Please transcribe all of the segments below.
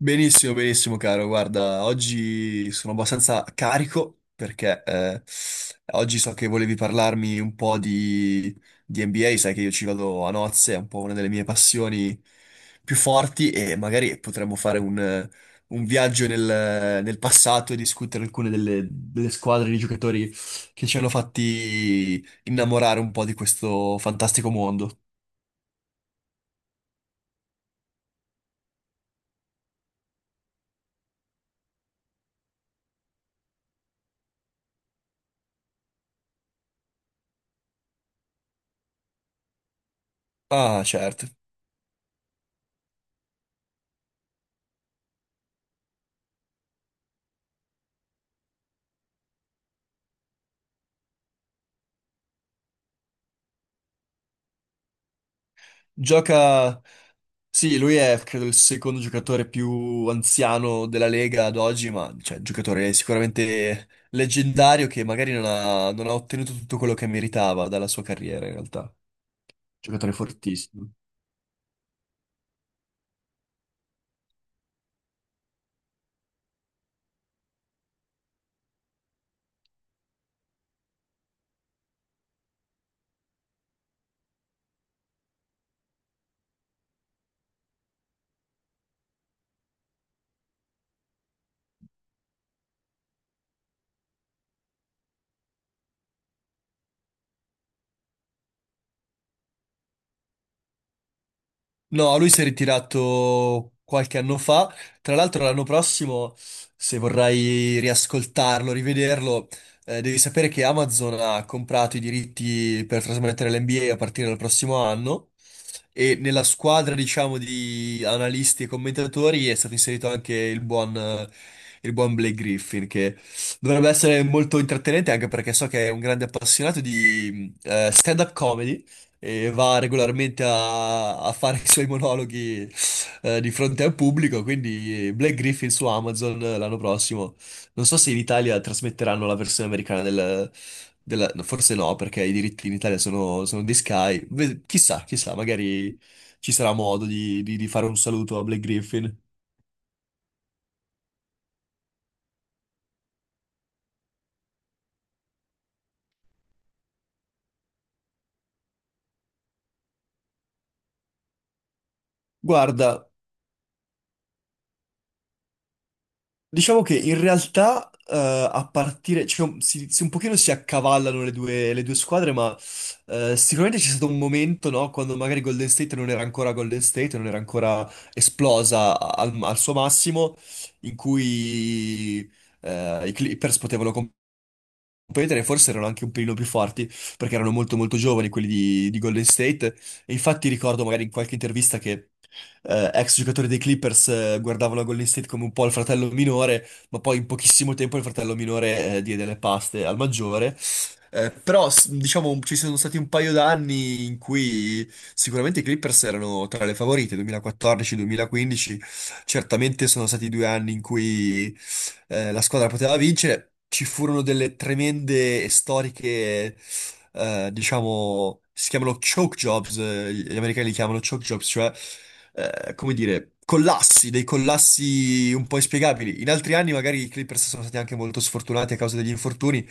Benissimo, benissimo, caro. Guarda, oggi sono abbastanza carico perché oggi so che volevi parlarmi un po' di NBA. Sai che io ci vado a nozze, è un po' una delle mie passioni più forti, e magari potremmo fare un viaggio nel passato e discutere alcune delle squadre di giocatori che ci hanno fatti innamorare un po' di questo fantastico mondo. Ah, certo. Gioca... Sì, lui è credo il secondo giocatore più anziano della Lega ad oggi, ma cioè, giocatore sicuramente leggendario che magari non ha ottenuto tutto quello che meritava dalla sua carriera, in realtà. Giocatore fortissimo. No, lui si è ritirato qualche anno fa. Tra l'altro, l'anno prossimo, se vorrai riascoltarlo, rivederlo, devi sapere che Amazon ha comprato i diritti per trasmettere l'NBA a partire dal prossimo anno. E nella squadra, diciamo, di analisti e commentatori, è stato inserito anche il buon Blake Griffin, che dovrebbe essere molto intrattenente, anche perché so che è un grande appassionato di stand-up comedy e va regolarmente a fare i suoi monologhi di fronte al pubblico. Quindi Black Griffin su Amazon l'anno prossimo. Non so se in Italia trasmetteranno la versione americana no, forse no, perché i diritti in Italia sono di Sky. Chissà, chissà, magari ci sarà modo di fare un saluto a Black Griffin. Guarda, diciamo che in realtà a partire, cioè, un pochino si accavallano le due squadre, ma sicuramente c'è stato un momento, no, quando magari Golden State non era ancora Golden State, non era ancora esplosa al suo massimo, in cui i Clippers potevano, un paio di anni forse erano anche un pelino più forti, perché erano molto molto giovani quelli di Golden State. E infatti ricordo magari in qualche intervista che ex giocatori dei Clippers guardavano Golden State come un po' il fratello minore, ma poi in pochissimo tempo il fratello minore diede le paste al maggiore. Però diciamo ci sono stati un paio d'anni in cui sicuramente i Clippers erano tra le favorite, 2014-2015, certamente sono stati 2 anni in cui la squadra poteva vincere. Ci furono delle tremende e storiche, diciamo, si chiamano choke jobs, gli americani li chiamano choke jobs, cioè, come dire, collassi, dei collassi un po' inspiegabili. In altri anni magari i Clippers sono stati anche molto sfortunati a causa degli infortuni,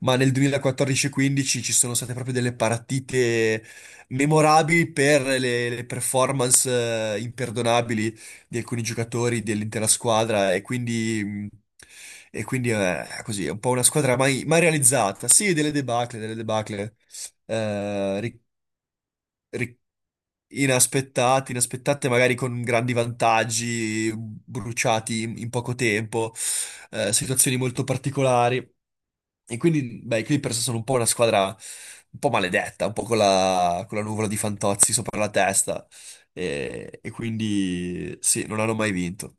ma nel 2014-15 ci sono state proprio delle partite memorabili per le performance, imperdonabili, di alcuni giocatori dell'intera squadra. E quindi, è così, è un po' una squadra mai realizzata. Sì, delle debacle, delle debacle. Eh, ri- ri- inaspettate magari, con grandi vantaggi bruciati in poco tempo, situazioni molto particolari. E quindi, beh, i Clippers sono un po' una squadra un po' maledetta, un po' con la nuvola di Fantozzi sopra la testa. E quindi, sì, non hanno mai vinto.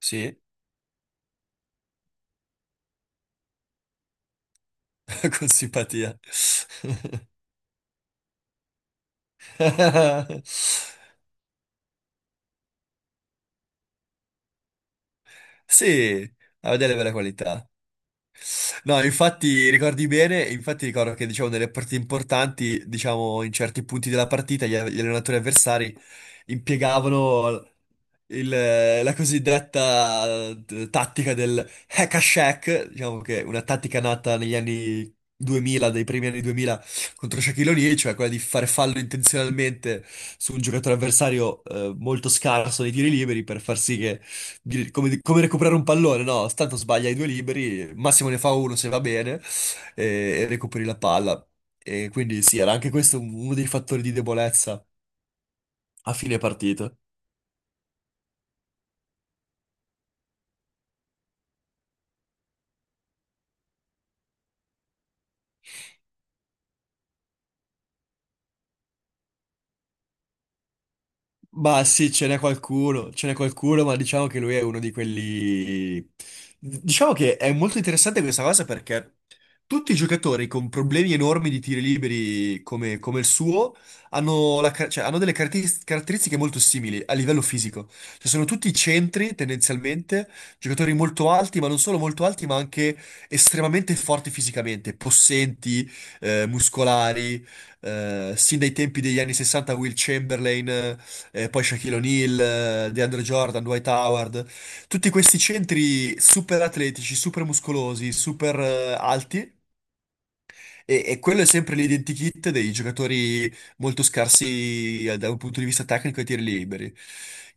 Sì, con simpatia. Sì, aveva delle belle qualità. No, infatti ricordi bene. Infatti ricordo che, diciamo, nelle partite importanti, diciamo in certi punti della partita, gli allenatori avversari impiegavano il- la cosiddetta tattica del hack a shack. Diciamo che è una tattica nata negli anni 2000, dai primi anni 2000, contro Shaquille O'Neal, cioè quella di fare fallo intenzionalmente su un giocatore avversario molto scarso nei tiri liberi, per far sì che come recuperare un pallone, no? Tanto sbaglia i due liberi, massimo ne fa uno se va bene, e, e recuperi la palla. E quindi sì, era anche questo uno dei fattori di debolezza a fine partita. Ma sì, ce n'è qualcuno, ma diciamo che lui è uno di quelli... Diciamo che è molto interessante questa cosa, perché tutti i giocatori con problemi enormi di tiri liberi come il suo hanno, hanno delle caratteristiche molto simili a livello fisico. Cioè, sono tutti centri tendenzialmente, giocatori molto alti, ma non solo molto alti, ma anche estremamente forti fisicamente, possenti, muscolari, sin dai tempi degli anni 60, Will Chamberlain, poi Shaquille O'Neal, DeAndre Jordan, Dwight Howard, tutti questi centri super atletici, super muscolosi, super alti, e quello è sempre l'identikit dei giocatori molto scarsi da un punto di vista tecnico e tiri liberi.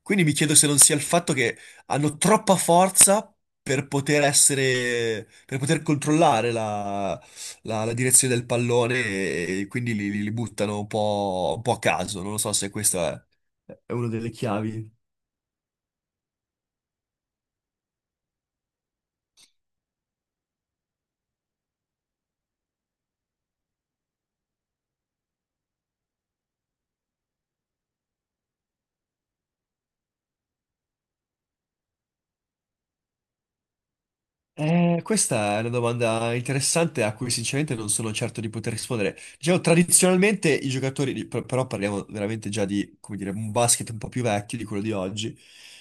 Quindi mi chiedo se non sia il fatto che hanno troppa forza per poter essere, per poter controllare la direzione del pallone, e quindi li buttano un po' a caso. Non lo so se questa è una delle chiavi. Questa è una domanda interessante a cui sinceramente non sono certo di poter rispondere. Diciamo, tradizionalmente i giocatori, però parliamo veramente già di, come dire, un basket un po' più vecchio di quello di oggi.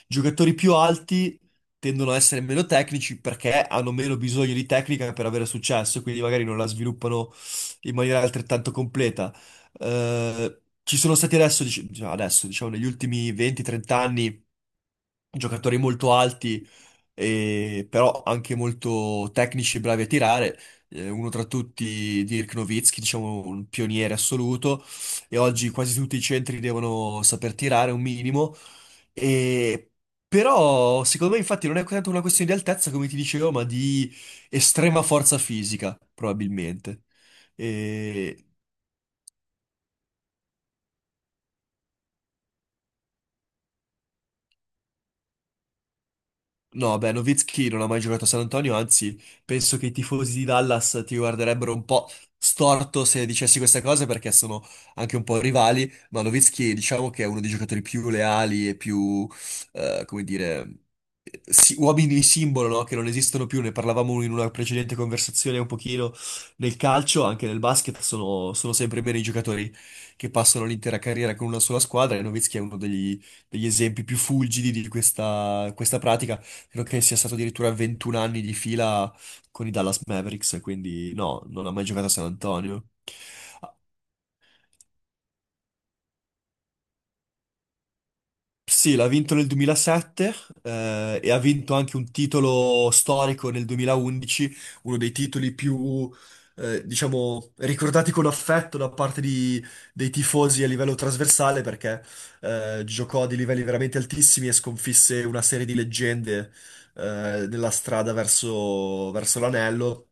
Giocatori più alti tendono a essere meno tecnici perché hanno meno bisogno di tecnica per avere successo, quindi magari non la sviluppano in maniera altrettanto completa. Ci sono stati, adesso, adesso, diciamo, negli ultimi 20-30 anni, giocatori molto alti però anche molto tecnici e bravi a tirare. Uno tra tutti, Dirk Nowitzki, diciamo un pioniere assoluto, e oggi quasi tutti i centri devono saper tirare un minimo. E- Però secondo me, infatti, non è tanto una questione di altezza, come ti dicevo, ma di estrema forza fisica, probabilmente. No, beh, Nowitzki non ha mai giocato a San Antonio, anzi, penso che i tifosi di Dallas ti guarderebbero un po' storto se dicessi queste cose, perché sono anche un po' rivali. Ma Nowitzki, diciamo che è uno dei giocatori più leali e più, come dire, uomini simbolo, no? Che non esistono più. Ne parlavamo in una precedente conversazione un pochino, nel calcio, anche nel basket, sono sempre bene i giocatori che passano l'intera carriera con una sola squadra, e Nowitzki è uno degli esempi più fulgidi di questa pratica. Credo che sia stato addirittura 21 anni di fila con i Dallas Mavericks, quindi no, non ha mai giocato a San Antonio. Sì, l'ha vinto nel 2007, e ha vinto anche un titolo storico nel 2011, uno dei titoli più, diciamo, ricordati con affetto da parte dei tifosi a livello trasversale, perché giocò a dei livelli veramente altissimi e sconfisse una serie di leggende nella strada verso l'anello,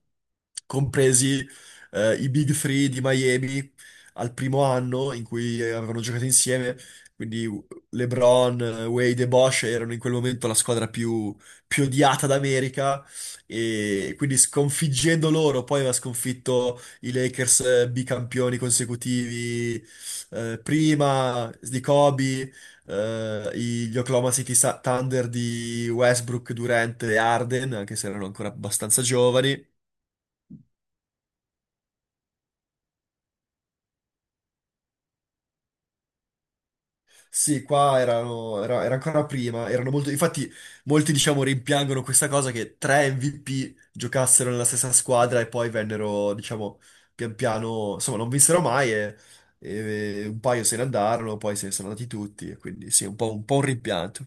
compresi i Big Three di Miami al primo anno in cui avevano giocato insieme. Quindi LeBron, Wade e Bosh erano in quel momento la squadra più odiata d'America, e quindi, sconfiggendo loro, poi aveva sconfitto i Lakers, bicampioni consecutivi prima di Kobe, gli Oklahoma City Thunder di Westbrook, Durant e Arden, anche se erano ancora abbastanza giovani. Sì, qua erano, era ancora prima, erano molto, infatti molti diciamo rimpiangono questa cosa, che tre MVP giocassero nella stessa squadra, e poi vennero, diciamo, pian piano, insomma, non vinsero mai, e un paio se ne andarono, poi se ne sono andati tutti, e quindi sì, un po', un po' un rimpianto.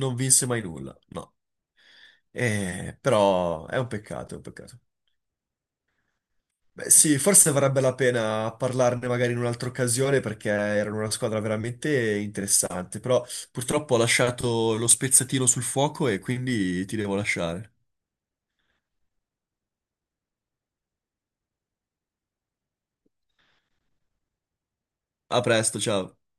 Non vinse mai nulla, no. Però è un peccato, è un peccato. Beh, sì, forse varrebbe la pena parlarne magari in un'altra occasione perché erano una squadra veramente interessante, però purtroppo ho lasciato lo spezzatino sul fuoco e quindi ti devo lasciare. A presto, ciao.